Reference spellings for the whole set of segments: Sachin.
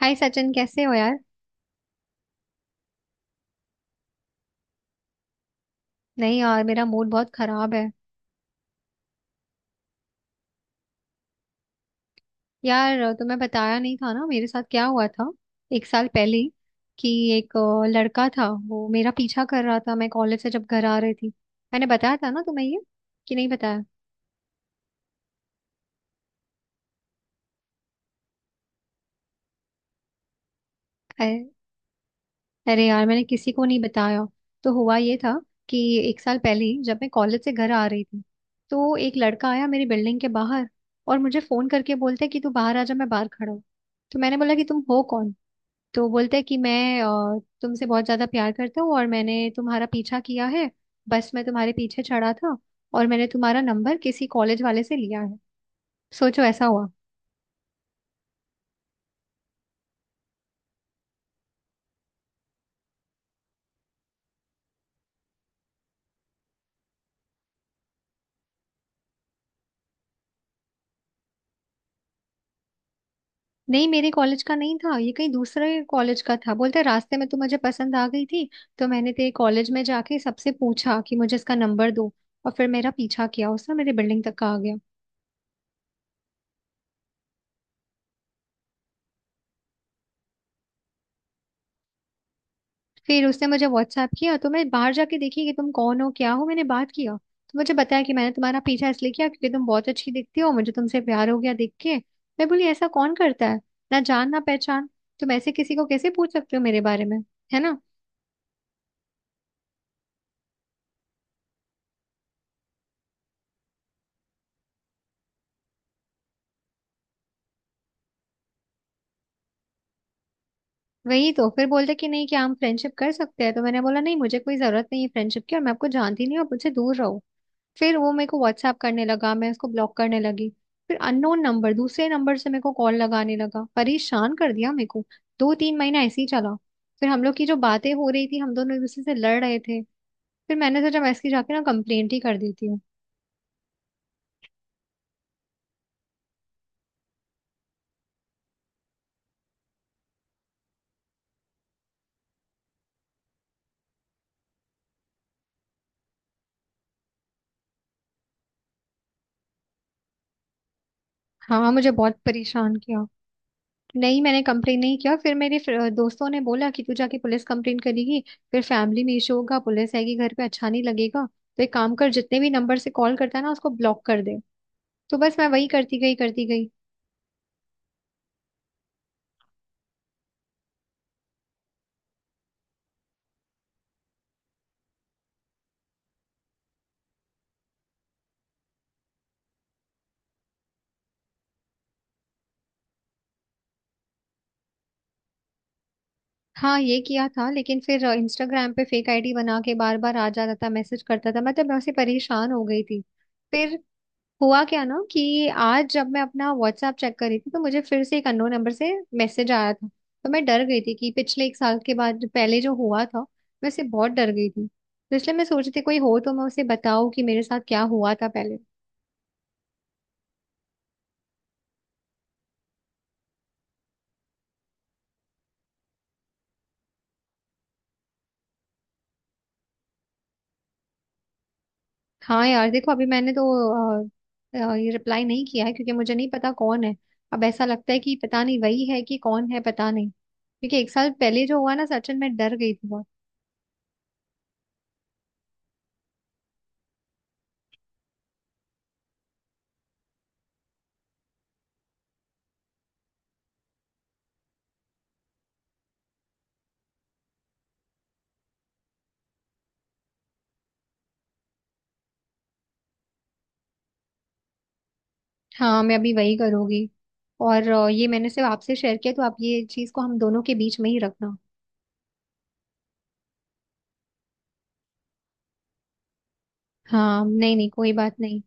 हाय सचिन कैसे हो यार। नहीं यार, मेरा मूड बहुत खराब है। यार तुम्हें बताया नहीं था ना मेरे साथ क्या हुआ था एक साल पहले ही, कि एक लड़का था, वो मेरा पीछा कर रहा था मैं कॉलेज से जब घर आ रही थी। मैंने बताया था ना तुम्हें ये, कि नहीं बताया। अरे, अरे यार, मैंने किसी को नहीं बताया। तो हुआ ये था कि एक साल पहले ही जब मैं कॉलेज से घर आ रही थी, तो एक लड़का आया मेरी बिल्डिंग के बाहर, और मुझे फोन करके बोलते कि तू बाहर आ जा, मैं बाहर खड़ा हूँ। तो मैंने बोला कि तुम हो कौन। तो बोलता है कि मैं तुमसे बहुत ज्यादा प्यार करता हूँ, और मैंने तुम्हारा पीछा किया है। बस मैं तुम्हारे पीछे चढ़ा था, और मैंने तुम्हारा नंबर किसी कॉलेज वाले से लिया है। सोचो ऐसा हुआ। नहीं, मेरे कॉलेज का नहीं था ये, कहीं दूसरे कॉलेज का था। बोलता है रास्ते में तो मुझे पसंद आ गई थी, तो मैंने तेरे कॉलेज में जाके सबसे पूछा कि मुझे इसका नंबर दो। और फिर मेरा पीछा किया उसने, मेरे बिल्डिंग तक का आ गया। फिर उसने मुझे व्हाट्सएप किया तो मैं बाहर जाके देखी कि तुम कौन हो क्या हो। मैंने बात किया तो मुझे बताया कि मैंने तुम्हारा पीछा इसलिए किया क्योंकि तुम बहुत अच्छी दिखती हो, मुझे तुमसे प्यार हो गया देख के। मैं बोली ऐसा कौन करता है, ना जान ना पहचान, तुम ऐसे किसी को कैसे पूछ सकते हो मेरे बारे में, है ना। वही तो फिर बोलते कि नहीं कि हम फ्रेंडशिप कर सकते हैं, तो मैंने बोला नहीं, मुझे कोई जरूरत नहीं है फ्रेंडशिप की, और मैं आपको जानती नहीं हूँ, आप मुझसे दूर रहो। फिर वो मेरे को व्हाट्सएप करने लगा, मैं उसको ब्लॉक करने लगी। फिर अननोन नंबर, दूसरे नंबर से मेरे को कॉल लगाने लगा, परेशान कर दिया मेरे को। दो तीन महीना ऐसे ही चला। फिर हम लोग की जो बातें हो रही थी, हम दोनों एक दूसरे से लड़ रहे थे। फिर मैंने सोचा मैं इसकी जाके ना कंप्लेंट ही कर देती हूँ। हाँ, मुझे बहुत परेशान किया। नहीं, मैंने कंप्लेन नहीं किया। फिर मेरे दोस्तों ने बोला कि तू जाके पुलिस कंप्लेन करेगी, फिर फैमिली में इशू होगा, पुलिस आएगी घर पे, अच्छा नहीं लगेगा। तो एक काम कर, जितने भी नंबर से कॉल करता है ना, उसको ब्लॉक कर दे। तो बस मैं वही करती गई, करती गई। हाँ ये किया था, लेकिन फिर इंस्टाग्राम पे फेक आईडी बना के बार बार आ जाता था, मैसेज करता था। मतलब मैं उससे परेशान हो गई थी। फिर हुआ क्या ना कि आज जब मैं अपना व्हाट्सएप चेक कर रही थी, तो मुझे फिर से एक अननोन नंबर से मैसेज आया था। तो मैं डर गई थी कि पिछले एक साल के बाद जो पहले जो हुआ था, मैं उससे बहुत डर गई थी। तो इसलिए मैं सोच रही थी कोई हो तो मैं उसे बताऊं कि मेरे साथ क्या हुआ था पहले। हाँ यार देखो, अभी मैंने तो अ, ये रिप्लाई नहीं किया है, क्योंकि मुझे नहीं पता कौन है। अब ऐसा लगता है कि पता नहीं वही है कि कौन है, पता नहीं। क्योंकि एक साल पहले जो हुआ ना सचिन, मैं डर गई थी बहुत। हाँ, मैं अभी वही करूंगी। और ये मैंने सिर्फ आपसे शेयर किया, तो आप ये चीज को हम दोनों के बीच में ही रखना। हाँ, नहीं नहीं, कोई बात नहीं।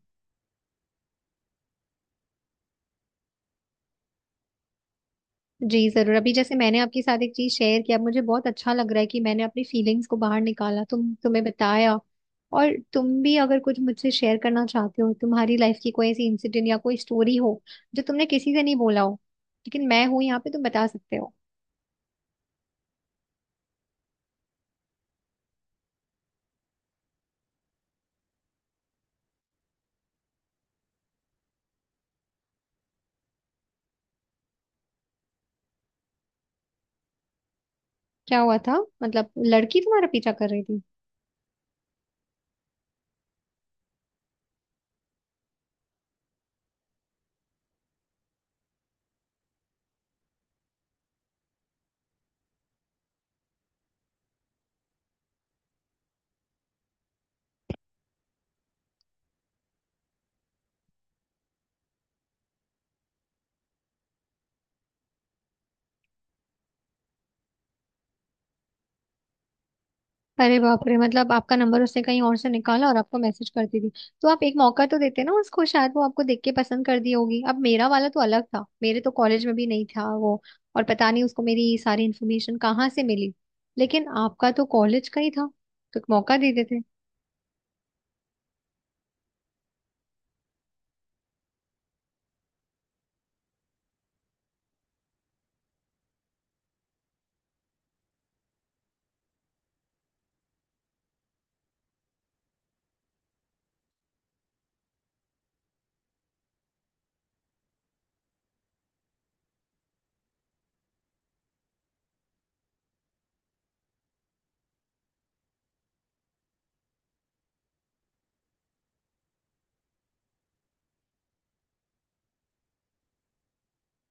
जी जरूर। अभी जैसे मैंने आपके साथ एक चीज शेयर किया, मुझे बहुत अच्छा लग रहा है कि मैंने अपनी फीलिंग्स को बाहर निकाला, तुम्हें बताया। और तुम भी अगर कुछ मुझसे शेयर करना चाहते हो, तुम्हारी लाइफ की कोई ऐसी इंसिडेंट या कोई स्टोरी हो जो तुमने किसी से नहीं बोला हो, लेकिन मैं हूं यहाँ पे, तुम बता सकते हो। क्या हुआ था, मतलब लड़की तुम्हारा पीछा कर रही थी। अरे बाप रे, मतलब आपका नंबर उसने कहीं और से निकाला और आपको मैसेज करती थी। तो आप एक मौका तो देते ना उसको, शायद वो आपको देख के पसंद कर दी होगी। अब मेरा वाला तो अलग था, मेरे तो कॉलेज में भी नहीं था वो, और पता नहीं उसको मेरी सारी इन्फॉर्मेशन कहाँ से मिली। लेकिन आपका तो कॉलेज का ही था, तो एक मौका दे देते।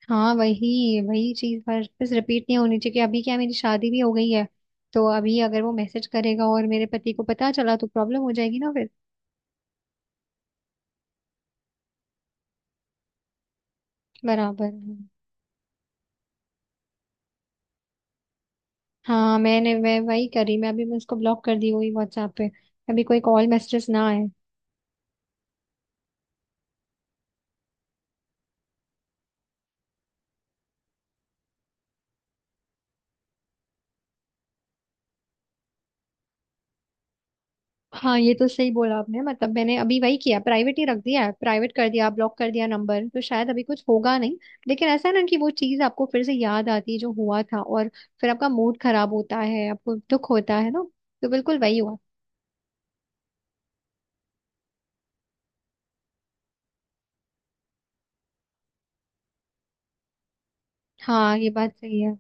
हाँ वही वही चीज, पर बस रिपीट नहीं होनी चाहिए, कि अभी क्या, मेरी शादी भी हो गई है, तो अभी अगर वो मैसेज करेगा और मेरे पति को पता चला तो प्रॉब्लम हो जाएगी ना फिर। बराबर है। हाँ, मैंने, मैं वही करी। मैं अभी मैं उसको ब्लॉक कर दी हुई व्हाट्सएप पे, अभी कोई कॉल मैसेजेस ना आए। हाँ ये तो सही बोला आपने। मतलब मैंने अभी वही किया, प्राइवेट ही रख दिया है, प्राइवेट कर दिया, ब्लॉक कर दिया नंबर, तो शायद अभी कुछ होगा नहीं। लेकिन ऐसा है ना कि वो चीज़ आपको फिर से याद आती है जो हुआ था, और फिर आपका मूड खराब होता है, आपको दुख होता है ना। तो बिल्कुल वही हुआ। हाँ ये बात सही है।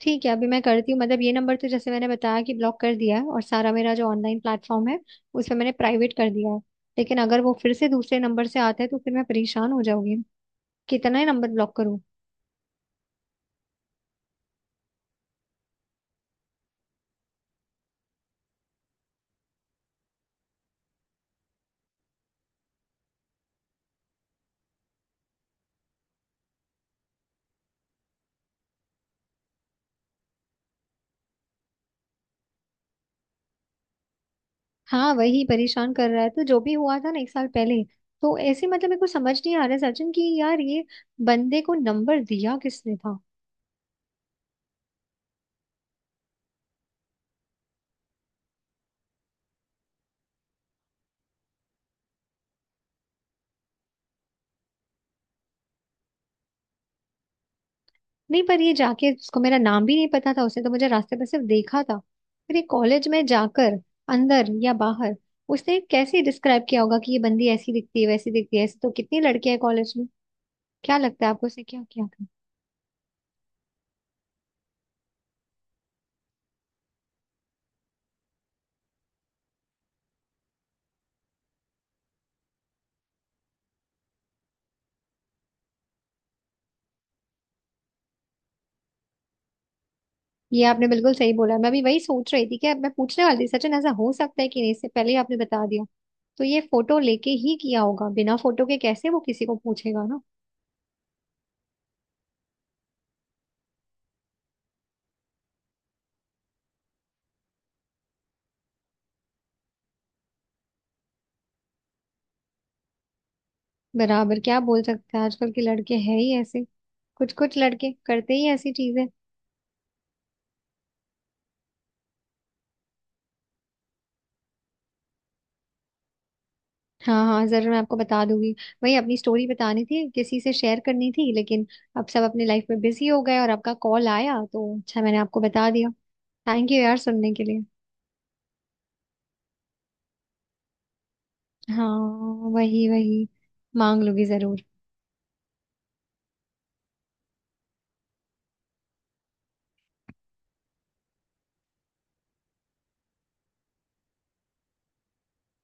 ठीक है, अभी मैं करती हूँ। मतलब ये नंबर तो जैसे मैंने बताया कि ब्लॉक कर दिया है, और सारा मेरा जो ऑनलाइन प्लेटफॉर्म है उस पे मैंने प्राइवेट कर दिया है। लेकिन अगर वो फिर से दूसरे नंबर से आता है, तो फिर मैं परेशान हो जाऊंगी, कितना ही नंबर ब्लॉक करूँ। हाँ वही परेशान कर रहा है, तो जो भी हुआ था ना एक साल पहले, तो ऐसे मतलब मेरे को समझ नहीं आ रहा है सचिन, कि यार ये बंदे को नंबर दिया किसने था। नहीं पर ये जाके, उसको मेरा नाम भी नहीं पता था, उसने तो मुझे रास्ते पर सिर्फ देखा था। फिर ये कॉलेज में जाकर, अंदर या बाहर, उसने कैसे डिस्क्राइब किया होगा कि ये बंदी ऐसी दिखती है वैसी दिखती है, ऐसे तो कितनी लड़कियां हैं कॉलेज में। क्या लगता है आपको, उसने क्या किया था। ये आपने बिल्कुल सही बोला, मैं भी वही सोच रही थी, कि अब मैं पूछने वाली थी सचिन, ऐसा हो सकता है कि नहीं, इससे पहले ही आपने बता दिया। तो ये फोटो लेके ही किया होगा, बिना फोटो के कैसे वो किसी को पूछेगा ना। बराबर, क्या बोल सकते हैं, आजकल के लड़के हैं ही ऐसे, कुछ कुछ लड़के करते ही ऐसी चीजें। हाँ हाँ जरूर, मैं आपको बता दूंगी। वही अपनी स्टोरी बतानी थी, किसी से शेयर करनी थी, लेकिन अब सब अपने लाइफ में बिजी हो गए, और आपका कॉल आया तो अच्छा, मैंने आपको बता दिया। थैंक यू यार सुनने के लिए। हाँ वही वही, मांग लूंगी जरूर।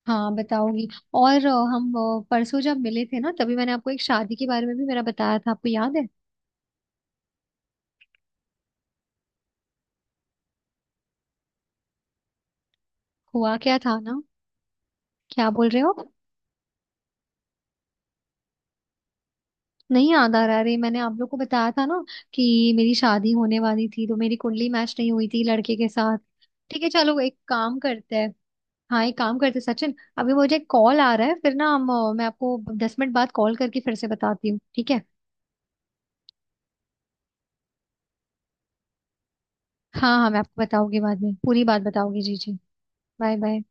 हाँ बताऊंगी। और हम परसों जब मिले थे ना, तभी मैंने आपको एक शादी के बारे में भी मेरा बताया था, आपको याद है। हुआ क्या था ना, क्या बोल रहे हो, नहीं याद आ रहा। अरे मैंने आप लोग को बताया था ना, कि मेरी शादी होने वाली थी तो मेरी कुंडली मैच नहीं हुई थी लड़के के साथ। ठीक है चलो, एक काम करते हैं। हाँ एक काम करते हैं सचिन, अभी मुझे कॉल आ रहा है, फिर ना हम मैं आपको 10 मिनट बाद कॉल करके फिर से बताती हूँ, ठीक है। हाँ हाँ, मैं आपको बताऊंगी, बाद में पूरी बात बताऊंगी, जी जी। Bye bye.